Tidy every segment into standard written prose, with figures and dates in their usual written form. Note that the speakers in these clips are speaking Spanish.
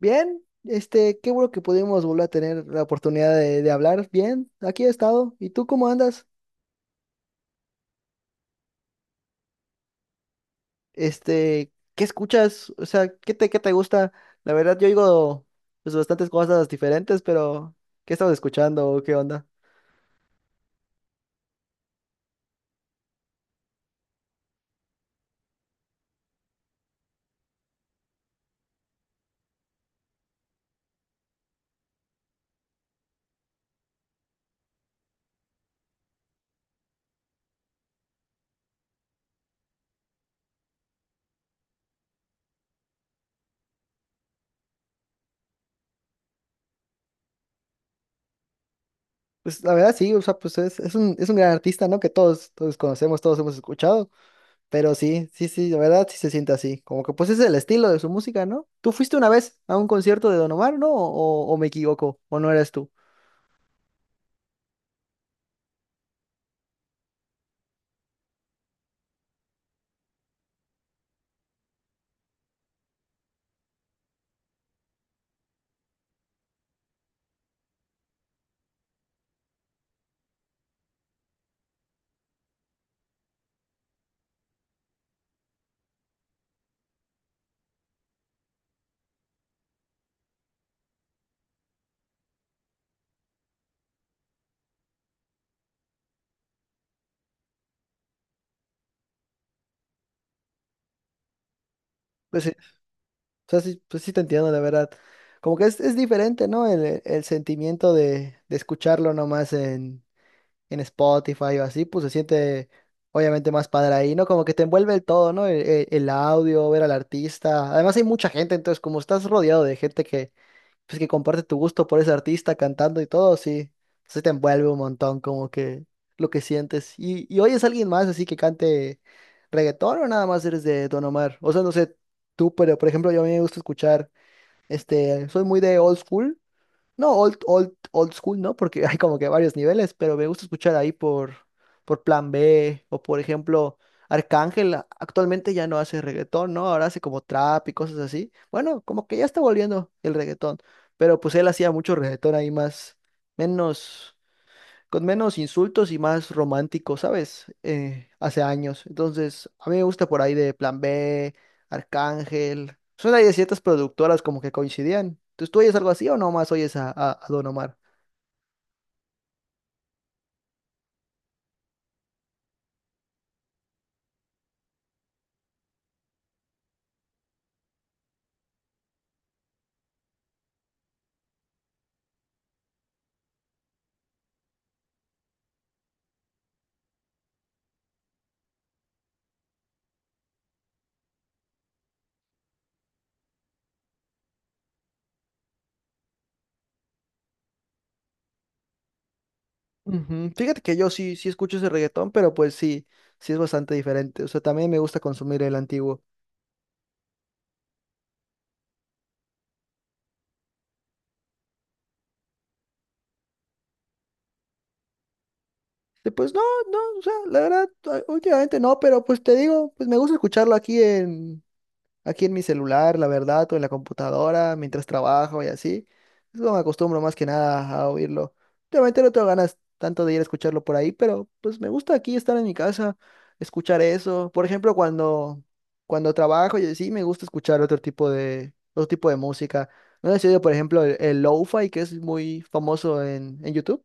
Bien, qué bueno que pudimos volver a tener la oportunidad de hablar. Bien, aquí he estado. ¿Y tú cómo andas? ¿Qué escuchas? O sea, ¿qué te gusta? La verdad, yo oigo pues bastantes cosas diferentes, pero ¿qué estabas escuchando? ¿O qué onda? Pues la verdad sí, o sea, pues es un gran artista, ¿no? Que todos conocemos, todos hemos escuchado. Pero sí, sí, sí, la verdad sí se siente así. Como que pues es el estilo de su música, ¿no? ¿Tú fuiste una vez a un concierto de Don Omar, no? ¿O me equivoco? ¿O no eras tú? Pues, o sea, sí, pues sí te entiendo, la verdad. Como que es diferente, ¿no? El sentimiento de escucharlo nomás en Spotify o así, pues se siente obviamente más padre ahí, ¿no? Como que te envuelve el todo, ¿no? El audio, ver al artista. Además hay mucha gente, entonces como estás rodeado de gente que, pues que comparte tu gusto por ese artista cantando y todo, sí, sí te envuelve un montón como que lo que sientes. ¿Y oyes a alguien más así que cante reggaetón o nada más eres de Don Omar? O sea, no sé tú, pero por ejemplo, yo, a mí me gusta escuchar, soy muy de old school, no, old, old, old school, ¿no? Porque hay como que varios niveles, pero me gusta escuchar ahí por Plan B o por ejemplo Arcángel. Actualmente ya no hace reggaetón, ¿no? Ahora hace como trap y cosas así. Bueno, como que ya está volviendo el reggaetón, pero pues él hacía mucho reggaetón ahí menos, con menos insultos y más romántico, ¿sabes? Hace años. Entonces, a mí me gusta por ahí de Plan B, Arcángel. Son ahí de ciertas productoras como que coincidían. Entonces, ¿tú oyes algo así o nomás oyes a Don Omar? Ujú. Fíjate que yo sí escucho ese reggaetón, pero pues sí es bastante diferente. O sea, también me gusta consumir el antiguo. Y pues no, no, o sea, la verdad, últimamente no, pero pues te digo, pues me gusta escucharlo aquí en mi celular, la verdad, o en la computadora, mientras trabajo y así. Es como me acostumbro más que nada a oírlo. Obviamente no tengo ganas tanto de ir a escucharlo por ahí, pero pues me gusta aquí estar en mi casa, escuchar eso. Por ejemplo, cuando trabajo y así, me gusta escuchar otro tipo de música. ¿No has oído, por ejemplo, el lo-fi, que es muy famoso en YouTube?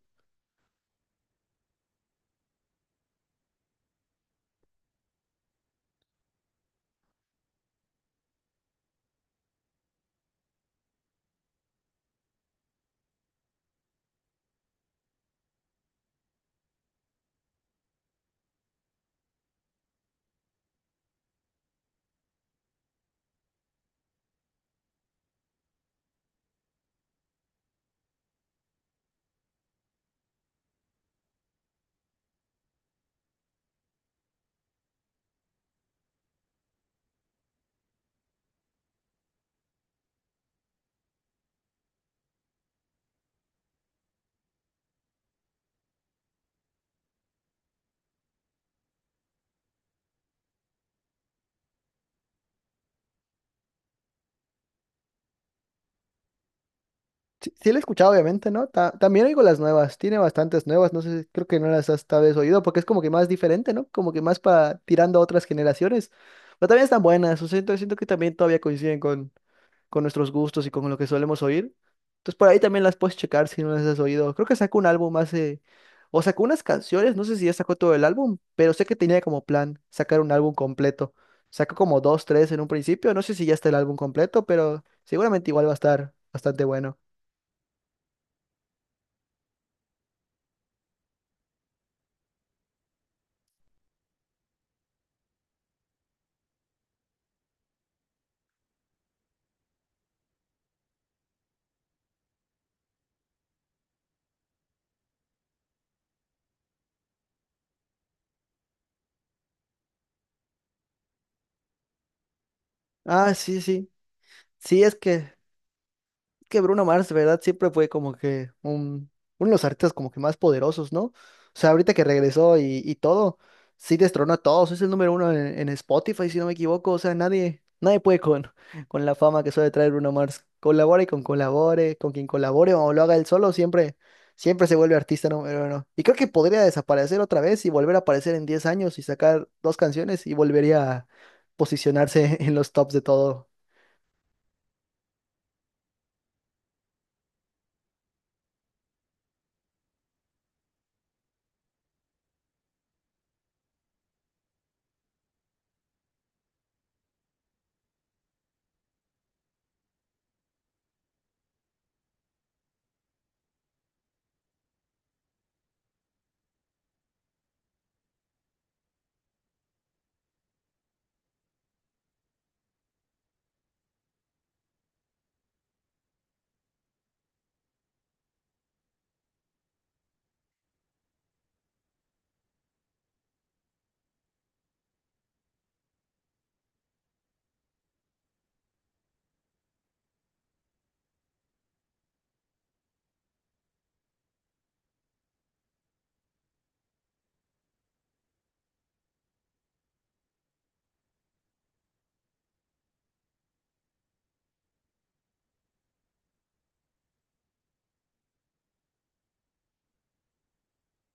Sí, sí la he escuchado, obviamente, ¿no? También oigo las nuevas, tiene bastantes nuevas, no sé, creo que no las has tal vez oído, porque es como que más diferente, ¿no? Como que más, para tirando a otras generaciones, pero también están buenas, o sea, siento que también todavía coinciden con nuestros gustos y con lo que solemos oír. Entonces por ahí también las puedes checar si no las has oído. Creo que sacó un álbum o sacó unas canciones, no sé si ya sacó todo el álbum, pero sé que tenía como plan sacar un álbum completo. Sacó como dos, tres en un principio, no sé si ya está el álbum completo, pero seguramente igual va a estar bastante bueno. Ah, sí, sí. Sí, es que Bruno Mars, de verdad, siempre fue como que uno de los artistas como que más poderosos, ¿no? O sea, ahorita que regresó y todo, sí destronó a todos. Es el número uno en Spotify, si no me equivoco. O sea, nadie puede con, con la fama que suele traer Bruno Mars. Con quien colabore o lo haga él solo, siempre se vuelve artista número uno. Y creo que podría desaparecer otra vez y volver a aparecer en 10 años y sacar dos canciones y volvería a posicionarse en los tops de todo.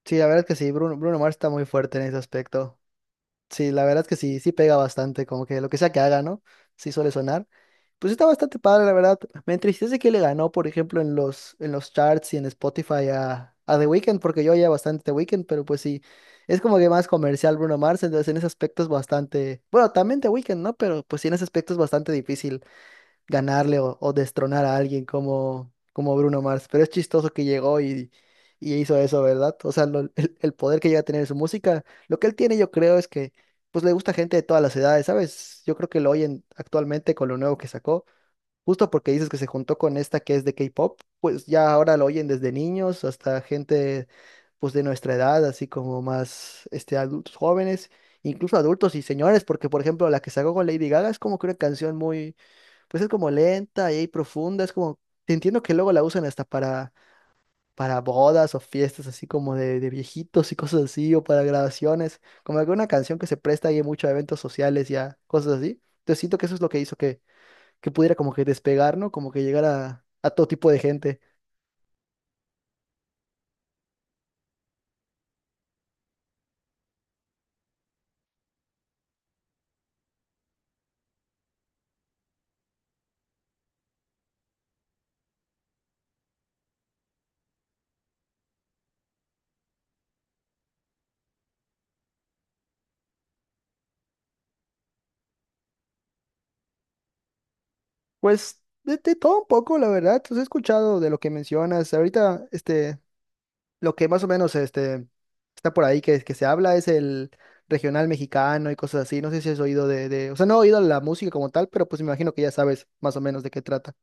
Sí, la verdad que sí, Bruno Mars está muy fuerte en ese aspecto. Sí, la verdad es que sí pega bastante, como que lo que sea que haga, ¿no? Sí suele sonar. Pues está bastante padre, la verdad. Me entristece que le ganó, por ejemplo, en los, charts y en Spotify a The Weeknd, porque yo oía bastante The Weeknd, pero pues sí, es como que más comercial Bruno Mars, entonces en ese aspecto es bastante, bueno, también The Weeknd, ¿no? Pero pues sí, en ese aspecto es bastante difícil ganarle o destronar a alguien como Bruno Mars. Pero es chistoso que llegó y hizo eso, ¿verdad? O sea, el poder que llega a tener su música, lo que él tiene, yo creo es que pues le gusta gente de todas las edades, ¿sabes? Yo creo que lo oyen actualmente con lo nuevo que sacó, justo porque dices que se juntó con esta que es de K-pop, pues ya ahora lo oyen desde niños hasta gente pues de nuestra edad, así como más adultos jóvenes, incluso adultos y señores, porque por ejemplo la que sacó con Lady Gaga es como que una canción muy, pues es como lenta y profunda, es como, entiendo que luego la usan hasta para bodas o fiestas así como de viejitos y cosas así, o para grabaciones, como alguna canción que se presta ahí mucho a eventos sociales y a cosas así. Entonces siento que eso es lo que hizo que pudiera como que despegar, ¿no? Como que llegar a todo tipo de gente. Pues de todo un poco, la verdad. Entonces he escuchado de lo que mencionas. Ahorita, lo que más o menos está por ahí que se habla es el regional mexicano y cosas así. No sé si has oído O sea, no he oído la música como tal, pero pues me imagino que ya sabes más o menos de qué trata.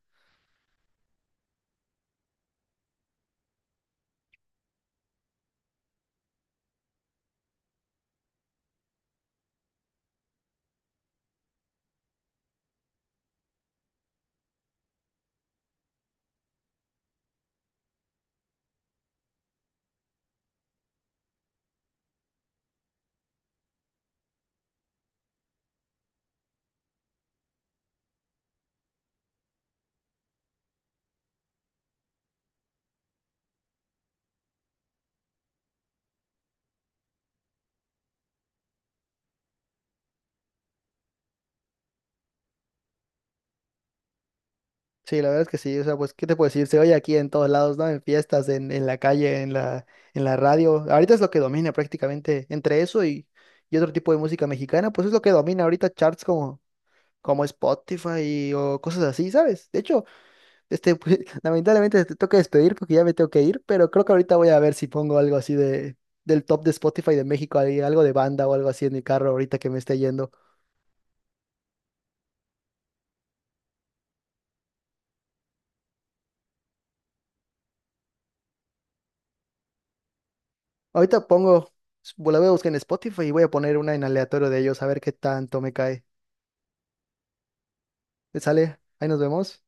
Sí, la verdad es que sí. O sea, pues, ¿qué te puedo decir? Se oye aquí en todos lados, ¿no? En fiestas, en la calle, en la radio. Ahorita es lo que domina prácticamente, entre eso y otro tipo de música mexicana. Pues es lo que domina ahorita charts como Spotify o cosas así, ¿sabes? De hecho, pues, lamentablemente te toca despedir porque ya me tengo que ir, pero creo que ahorita voy a ver si pongo algo así de del top de Spotify de México, ahí, algo de banda o algo así en mi carro ahorita que me esté yendo. Ahorita pongo, la voy a buscar en Spotify y voy a poner una en aleatorio de ellos a ver qué tanto me cae. ¿Te sale? Ahí nos vemos.